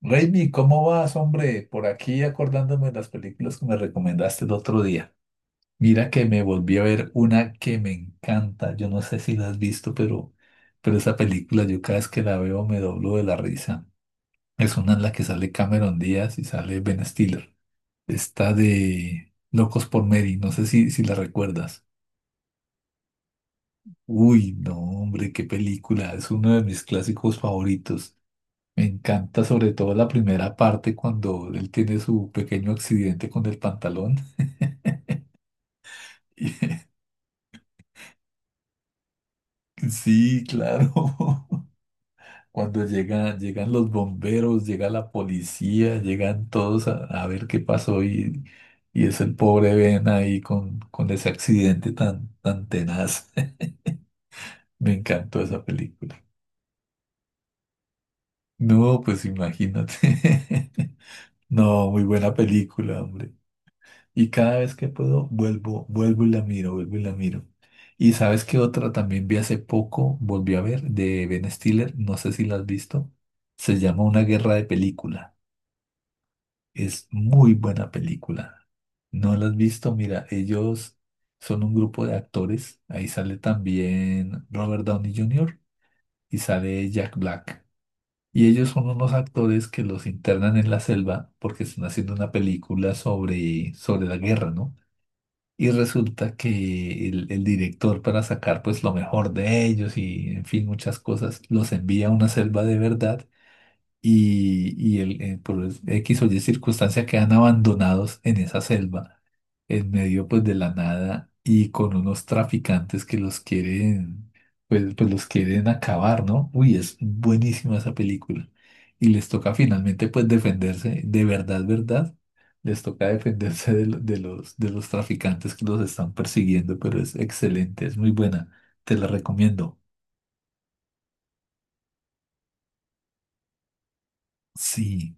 Raimi, ¿cómo vas, hombre? Por aquí acordándome de las películas que me recomendaste el otro día. Mira que me volví a ver una que me encanta. Yo no sé si la has visto, pero esa película yo cada vez que la veo me doblo de la risa. Es una en la que sale Cameron Díaz y sale Ben Stiller. Está de Locos por Mary, no sé si la recuerdas. Uy, no, hombre, qué película. Es uno de mis clásicos favoritos. Me encanta sobre todo la primera parte cuando él tiene su pequeño accidente con el pantalón. Sí, claro. Cuando llegan los bomberos, llega la policía, llegan todos a ver qué pasó y es el pobre Ben ahí con ese accidente tan tenaz. Me encantó esa película. No, pues imagínate. No, muy buena película, hombre. Y cada vez que puedo, vuelvo y la miro, vuelvo y la miro. Y sabes qué otra también vi hace poco, volví a ver, de Ben Stiller, no sé si la has visto. Se llama Una guerra de película. Es muy buena película. ¿No la has visto? Mira, ellos son un grupo de actores. Ahí sale también Robert Downey Jr. y sale Jack Black. Y ellos son unos actores que los internan en la selva porque están haciendo una película sobre la guerra, ¿no? Y resulta que el director para sacar pues lo mejor de ellos y en fin muchas cosas los envía a una selva de verdad y el, por X o Y circunstancia quedan abandonados en esa selva, en medio pues de la nada y con unos traficantes que los quieren, pues los quieren acabar, ¿no? Uy, es buenísima esa película. Y les toca finalmente pues defenderse, de verdad, les toca defenderse de, de los traficantes que los están persiguiendo, pero es excelente, es muy buena, te la recomiendo. Sí.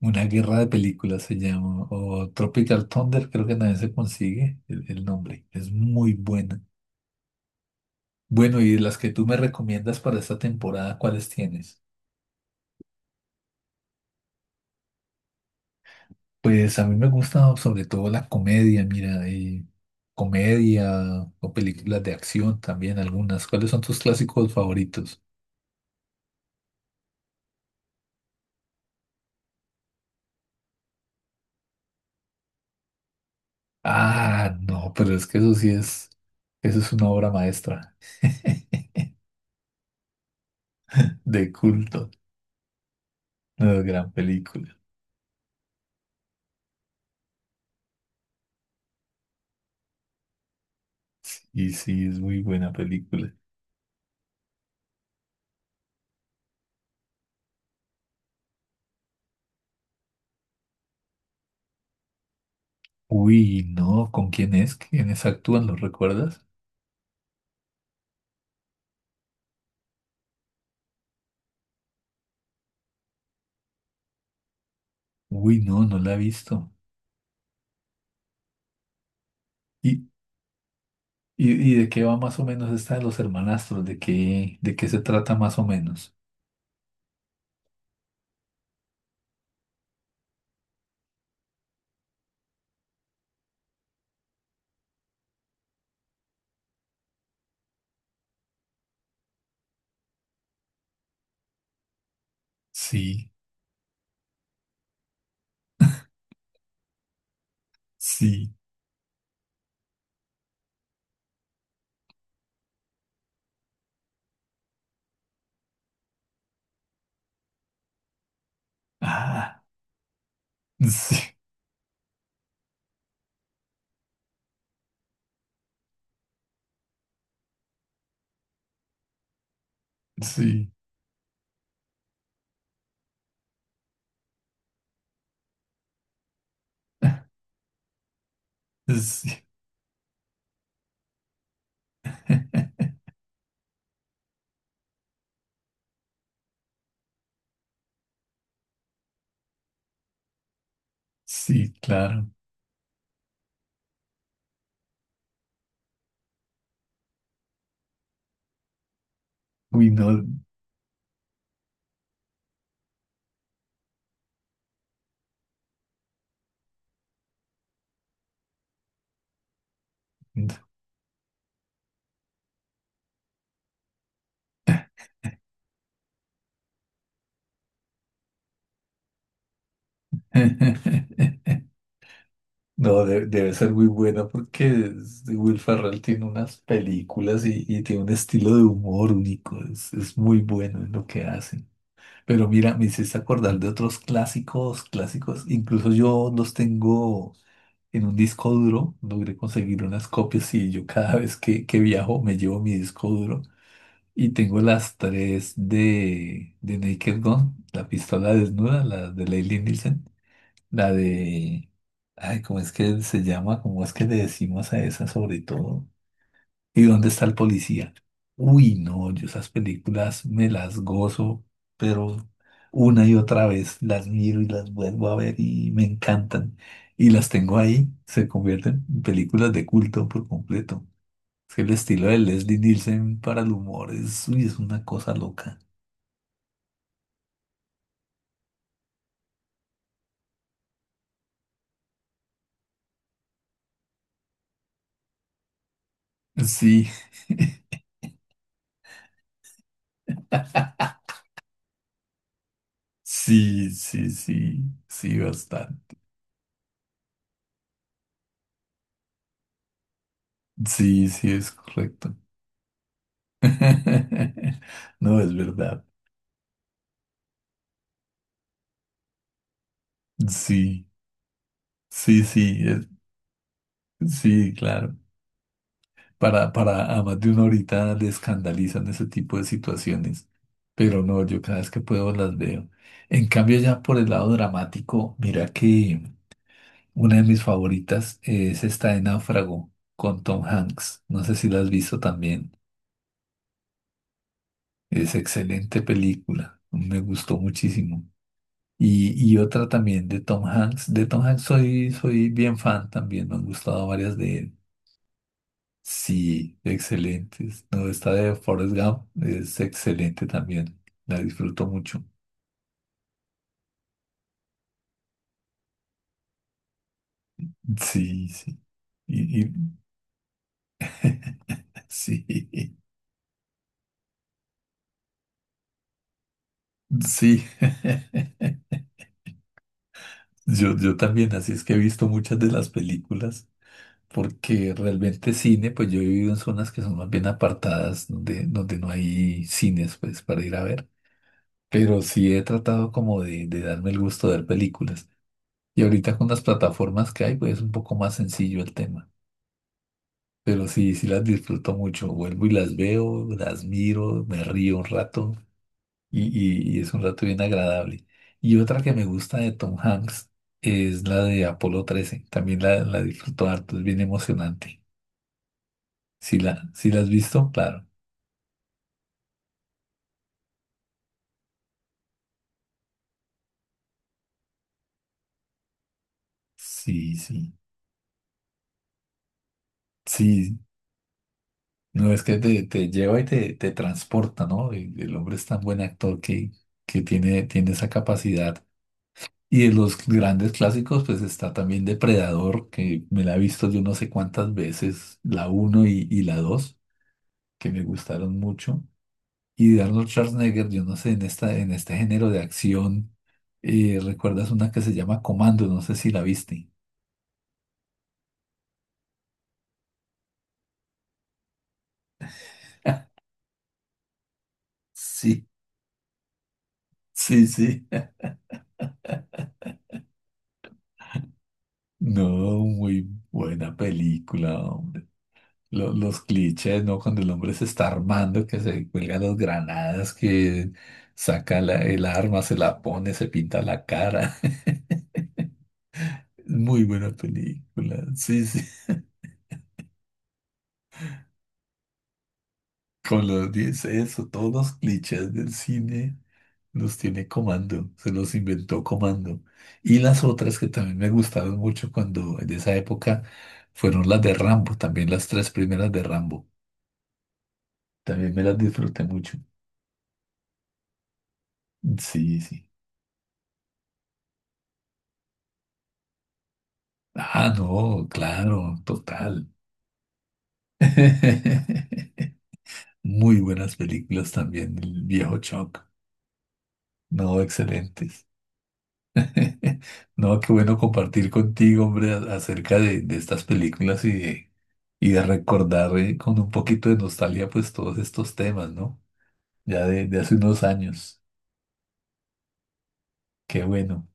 Una guerra de películas se llama, o Tropical Thunder, creo que nadie se consigue el nombre. Es muy buena. Bueno, y de las que tú me recomiendas para esta temporada, ¿cuáles tienes? Pues a mí me gusta sobre todo la comedia, mira, y comedia o películas de acción también algunas. ¿Cuáles son tus clásicos favoritos? Ah, no, pero es que eso es una obra maestra. De culto, una gran película. Y sí, es muy buena película. Uy, no, ¿con quién es? ¿Quiénes actúan? ¿Lo recuerdas? Uy, no, no la he visto. ¿Y, y de qué va más o menos esta de los hermanastros? ¿De qué se trata más o menos? Sí, sí, ah, sí, sí, sí, sí, claro. Uy, no. No, debe ser muy buena porque Will Ferrell tiene unas películas y tiene un estilo de humor único. Es muy bueno en lo que hace. Pero mira, me hiciste acordar de otros clásicos, clásicos. Incluso yo los tengo en un disco duro. Logré conseguir unas copias y yo cada vez que viajo me llevo mi disco duro. Y tengo las tres de Naked Gun, la pistola desnuda, la de Leslie Nielsen, la de... Ay, ¿cómo es que se llama? ¿Cómo es que le decimos a esa sobre todo? ¿Y dónde está el policía? Uy, no, yo esas películas me las gozo, pero una y otra vez las miro y las vuelvo a ver y me encantan. Y las tengo ahí, se convierten en películas de culto por completo. Es que el estilo de Leslie Nielsen para el humor es, uy, es una cosa loca. Sí, sí, sí, sí, sí, bastante. Sí, sí, es correcto. No, es verdad. Sí, sí, sí. Sí, claro. Para a más de una horita le escandalizan ese tipo de situaciones. Pero no, yo cada vez que puedo las veo. En cambio, ya por el lado dramático, mira que una de mis favoritas es esta de Náufrago con Tom Hanks. No sé si la has visto también. Es excelente película. Me gustó muchísimo. Y otra también de Tom Hanks. De Tom Hanks soy, soy bien fan también. Me han gustado varias de él. Sí, excelentes. No, esta de Forrest Gump es excelente también. La disfruto mucho. Sí, sí. Y, sí, sí. Yo también, así es que he visto muchas de las películas, porque realmente cine, pues yo he vivido en zonas que son más bien apartadas, donde no hay cines, pues, para ir a ver. Pero sí he tratado como de darme el gusto de ver películas. Y ahorita con las plataformas que hay, pues es un poco más sencillo el tema. Pero sí, sí las disfruto mucho. Vuelvo y las veo, las miro, me río un rato y, y es un rato bien agradable. Y otra que me gusta de Tom Hanks es la de Apolo 13. También la disfruto harto, es bien emocionante. Si la has visto, claro. Sí, sí. Sí, no es que te lleva y te transporta, ¿no? El hombre es tan buen actor que, tiene esa capacidad. Y de los grandes clásicos, pues está también Depredador, que me la he visto yo no sé cuántas veces, la uno y la 2 que me gustaron mucho. Y de Arnold Schwarzenegger, yo no sé, en esta, en este género de acción, ¿recuerdas una que se llama Comando? No sé si la viste. Sí, sí, sí. No, muy buena película, hombre. Los clichés, ¿no? Cuando el hombre se está armando, que se cuelga las granadas, que saca el arma, se la pone, se pinta la cara. Muy buena película, sí, sí. Con los 10, eso, todos los clichés del cine los tiene Comando, se los inventó Comando. Y las otras que también me gustaron mucho cuando en esa época fueron las de Rambo, también las tres primeras de Rambo. También me las disfruté mucho. Sí, sí. Ah, no, claro, total. Muy buenas películas también, el viejo Chuck. No, excelentes. No, qué bueno compartir contigo, hombre, acerca de estas películas y de recordar con un poquito de nostalgia, pues todos estos temas, ¿no? Ya de hace unos años. Qué bueno.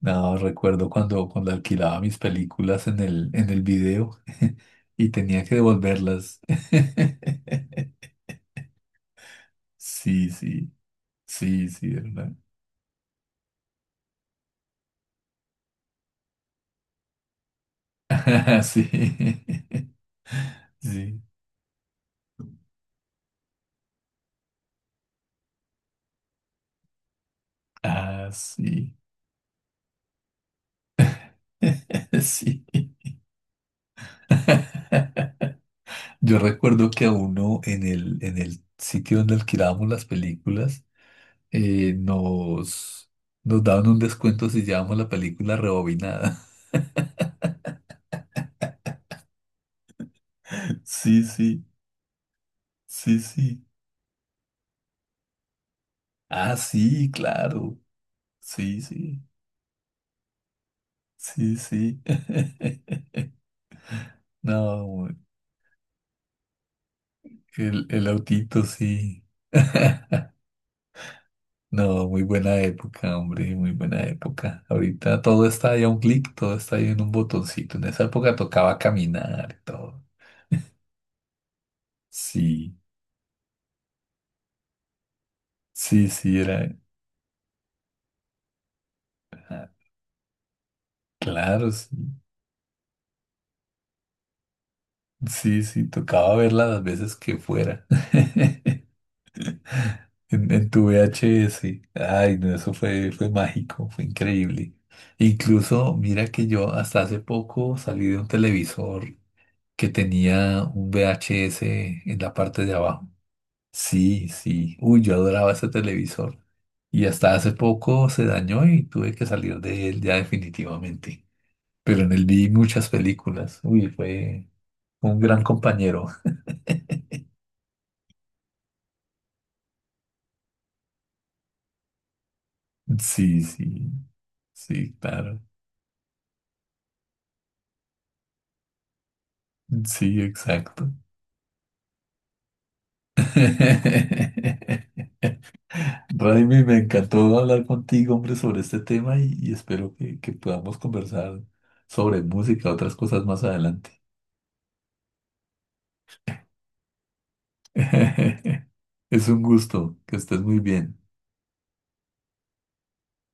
No, recuerdo cuando alquilaba mis películas en el video y tenía que devolverlas. Sí, sí, sí, sí, ¿verdad? Sí. Sí. Ah, sí. Sí. Yo, recuerdo que a uno en el sitio donde alquilábamos las películas, eh, nos, nos daban un descuento si llevábamos la película rebobinada. Sí, sí, sí, sí. Ah, sí, claro. Sí, sí, sí, sí. No, el autito, sí. No, muy buena época, hombre, muy buena época. Ahorita todo está ahí a un clic, todo está ahí en un botoncito. En esa época tocaba caminar y todo. Sí, sí, sí, era. ah, Claro, sí, sí, sí, tocaba verla las veces que fuera. En tu VHS. Ay, no, eso fue, fue mágico, fue increíble. Incluso, mira que yo hasta hace poco salí de un televisor que tenía un VHS en la parte de abajo. Sí, sí. Uy, yo adoraba ese televisor. Y hasta hace poco se dañó y tuve que salir de él ya definitivamente. Pero en él vi muchas películas. Uy, fue un gran compañero. Sí, sí, sí, claro. Sí, exacto. Raimi, me encantó hablar contigo, hombre, sobre este tema y espero que podamos conversar sobre música, otras cosas más adelante. Es un gusto, que estés muy bien.